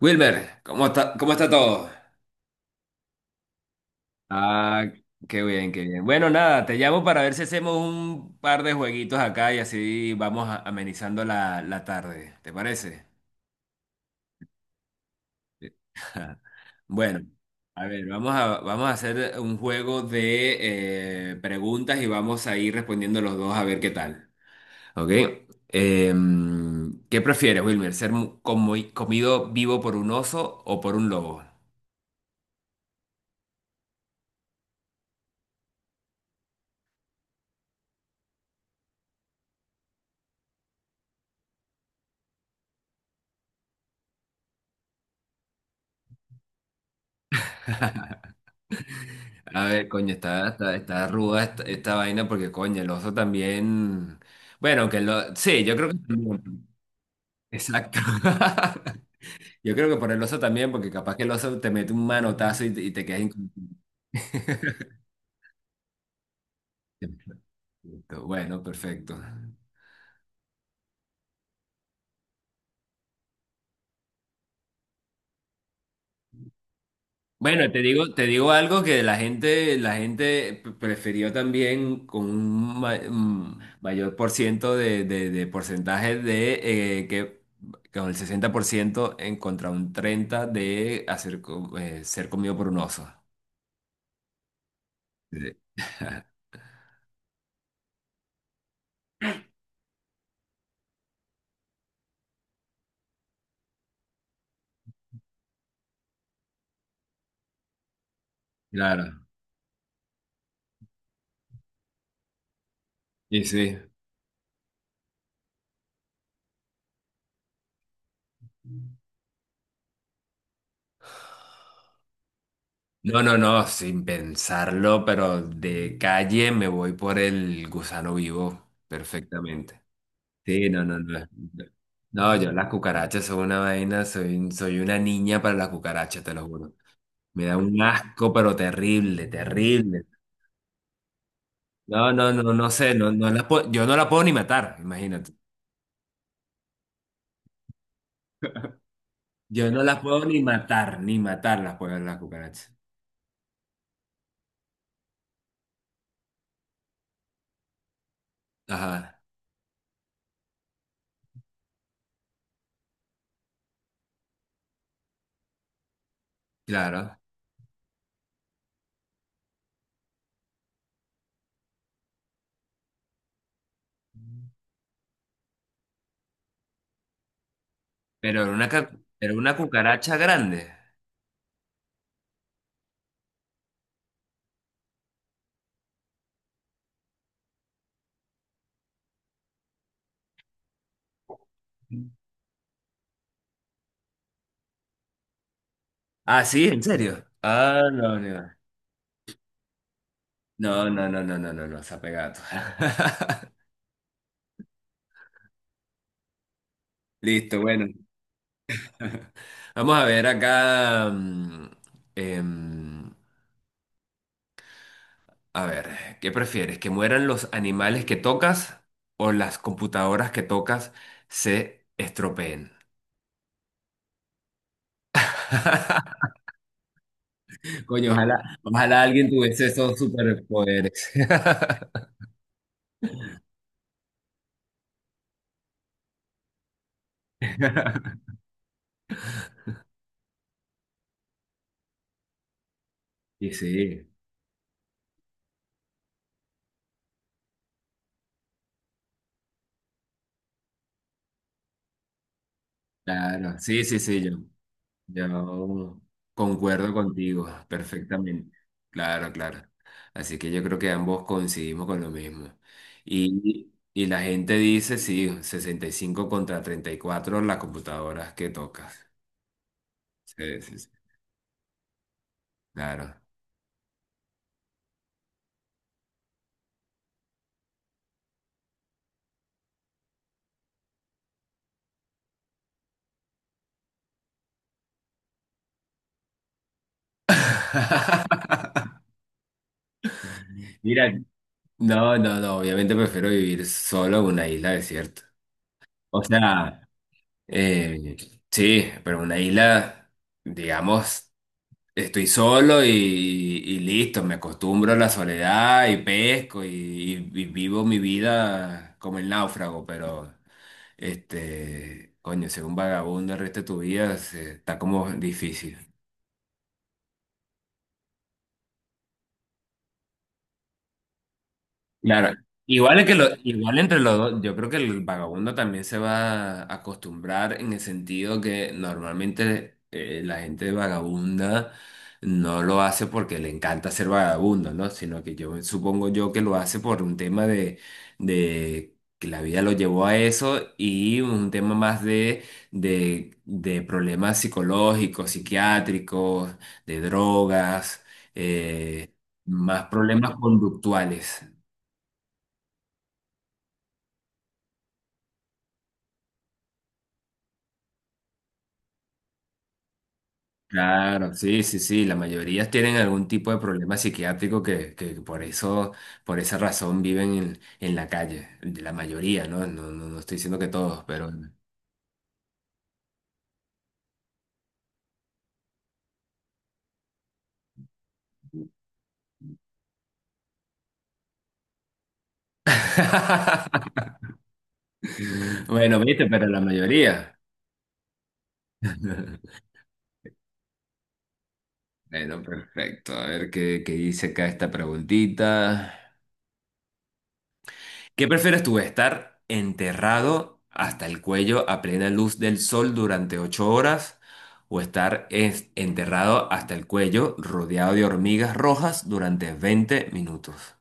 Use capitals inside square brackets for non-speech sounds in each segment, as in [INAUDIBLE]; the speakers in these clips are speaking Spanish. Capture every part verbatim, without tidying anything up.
Wilmer, ¿cómo está, cómo está todo? Ah, qué bien, qué bien. Bueno, nada, te llamo para ver si hacemos un par de jueguitos acá y así vamos a- amenizando la, la tarde. ¿Te parece? [LAUGHS] Bueno, a ver, vamos a, vamos a hacer un juego de eh, preguntas y vamos a ir respondiendo los dos a ver qué tal. ¿Ok? Em, ¿qué prefieres, Wilmer? ¿Ser mu- comi- comido vivo por un oso o por un lobo? A ver, coño, está, está, está ruda esta, esta vaina porque, coño, el oso también. Bueno, que lo. Sí, yo creo que también. Exacto. [LAUGHS] Yo creo que por el oso también, porque capaz que el oso te mete un manotazo y te, y te quedas inconsciente. Bueno, perfecto. Bueno, te digo, te digo algo que la gente, la gente p- prefirió también con un ma- un mayor por ciento de, de, de porcentaje de eh, que con el sesenta por ciento en contra un treinta de hacer, co- eh, ser comido por un oso. Sí. [LAUGHS] Claro, y sí. No, no, no, sin pensarlo, pero de calle me voy por el gusano vivo perfectamente. Sí, no, no, no. No, yo las cucarachas son una vaina, soy, soy una niña para las cucarachas, te lo juro. Me da un asco, pero terrible, terrible. No, no, no, no sé, no, no las puedo- yo no las puedo ni matar, imagínate. Yo no las puedo ni matar, ni matar las puedo las cucarachas. Ajá, claro. Pero era una, ca- era una cucaracha grande. Ah, sí, en serio. Ah, no, no. No, no, no, no, no, no, no, se ha pegado. [LAUGHS] Listo, bueno. Vamos a ver acá. mm, em, a ver, ¿qué prefieres? ¿Que mueran los animales que tocas o las computadoras que tocas se estropeen? [LAUGHS] Coño, ojalá, ojalá alguien tuviese esos superpoderes. [LAUGHS] Y sí, claro. Sí, sí, sí, yo. Yo concuerdo contigo perfectamente. Claro, claro. Así que yo creo que ambos coincidimos con lo mismo. Y, y la gente dice, sí, sesenta y cinco contra treinta y cuatro las computadoras que tocas. Sí, sí, sí. Claro. [LAUGHS] Mira, no, no, no, obviamente prefiero vivir solo en una isla desierta. O sea, eh, sí, pero una isla, digamos, estoy solo y, y listo, me acostumbro a la soledad y pesco y, y vivo mi vida como el náufrago, pero este, coño, ser un vagabundo el resto de tu vida se- está como difícil. Claro, igual es que lo, igual entre los dos, yo creo que el vagabundo también se va a acostumbrar en el sentido que normalmente eh, la gente vagabunda no lo hace porque le encanta ser vagabundo, ¿no? Sino que yo supongo yo que lo hace por un tema de, de que la vida lo llevó a eso y un tema más de, de, de problemas psicológicos, psiquiátricos, de drogas, eh, más problemas conductuales. Claro, sí, sí, sí, la mayoría tienen algún tipo de problema psiquiátrico que, que por eso, por esa razón viven en, en la calle, la mayoría, ¿no? No, no, no estoy diciendo que todos, pero... [LAUGHS] Bueno, viste, pero la mayoría. [LAUGHS] Bueno, perfecto, a ver qué, qué dice acá esta preguntita. ¿Qué prefieres tú, estar enterrado hasta el cuello a plena luz del sol durante ocho horas o estar es- enterrado hasta el cuello rodeado de hormigas rojas durante veinte minutos?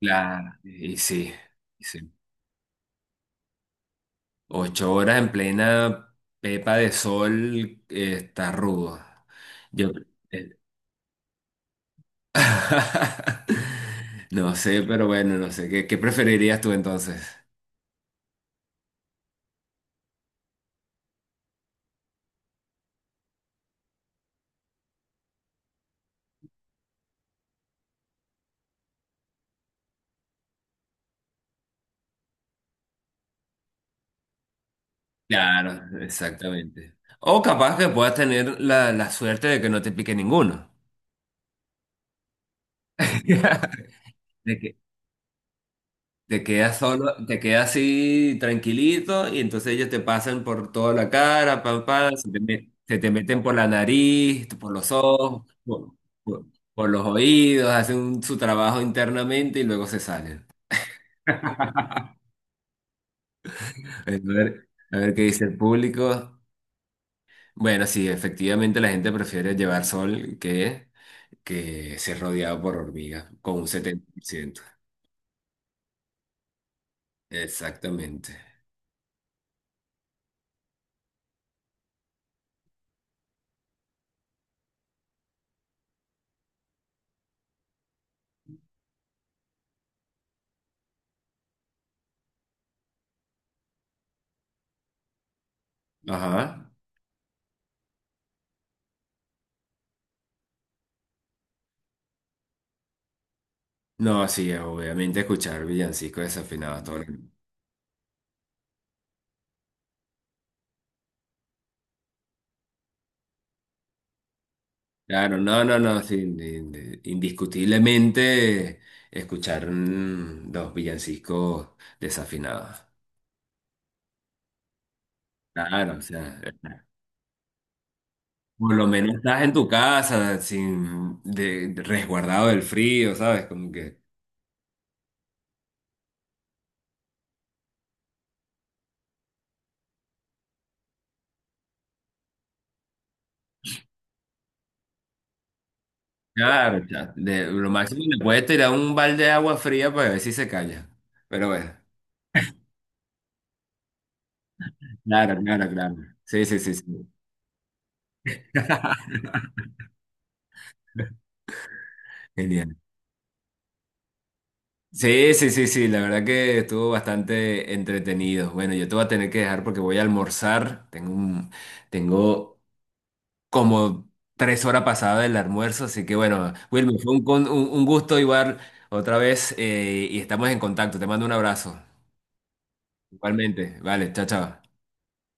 Claro, y sí, y sí. Ocho horas en plena pepa de sol eh, está rudo. Yo, eh, [LAUGHS] no sé, pero bueno, no sé. ¿Qué, qué preferirías tú entonces? Claro, exactamente. O capaz que puedas tener la, la suerte de que no te pique ninguno. [LAUGHS] De que te quedas solo, te quedas así tranquilito y entonces ellos te pasan por toda la cara, pam, pam, se te, met- se te meten por la nariz, por los ojos, por, por- por los oídos, hacen un- su trabajo internamente y luego se salen. [LAUGHS] A ver, a ver qué dice el público. Bueno, sí, efectivamente la gente prefiere llevar sol que... que se rodeado por hormigas, con un setenta por ciento. Exactamente. Ajá. No, sí, obviamente escuchar villancicos desafinados todo el- claro, no, no, no, sí, ind- indiscutiblemente escuchar mm, los villancicos desafinados. Claro, o sea, por lo menos estás en tu casa, sin de, de- resguardado del frío, ¿sabes? Como que, claro, ya, de, lo máximo le puedes tirar un balde de agua fría para ver si se calla. Pero bueno. Claro, claro, claro. Sí, sí, sí, sí. [LAUGHS] Genial. Sí, sí, sí, sí, la verdad que estuvo bastante entretenido. Bueno, yo te voy a tener que dejar porque voy a almorzar. Tengo un- tengo como tres horas pasadas del almuerzo, así que bueno, Wilmer, fue un, con- un- un gusto igual otra vez eh, y estamos en contacto. Te mando un abrazo. Igualmente. Vale, chao, chao.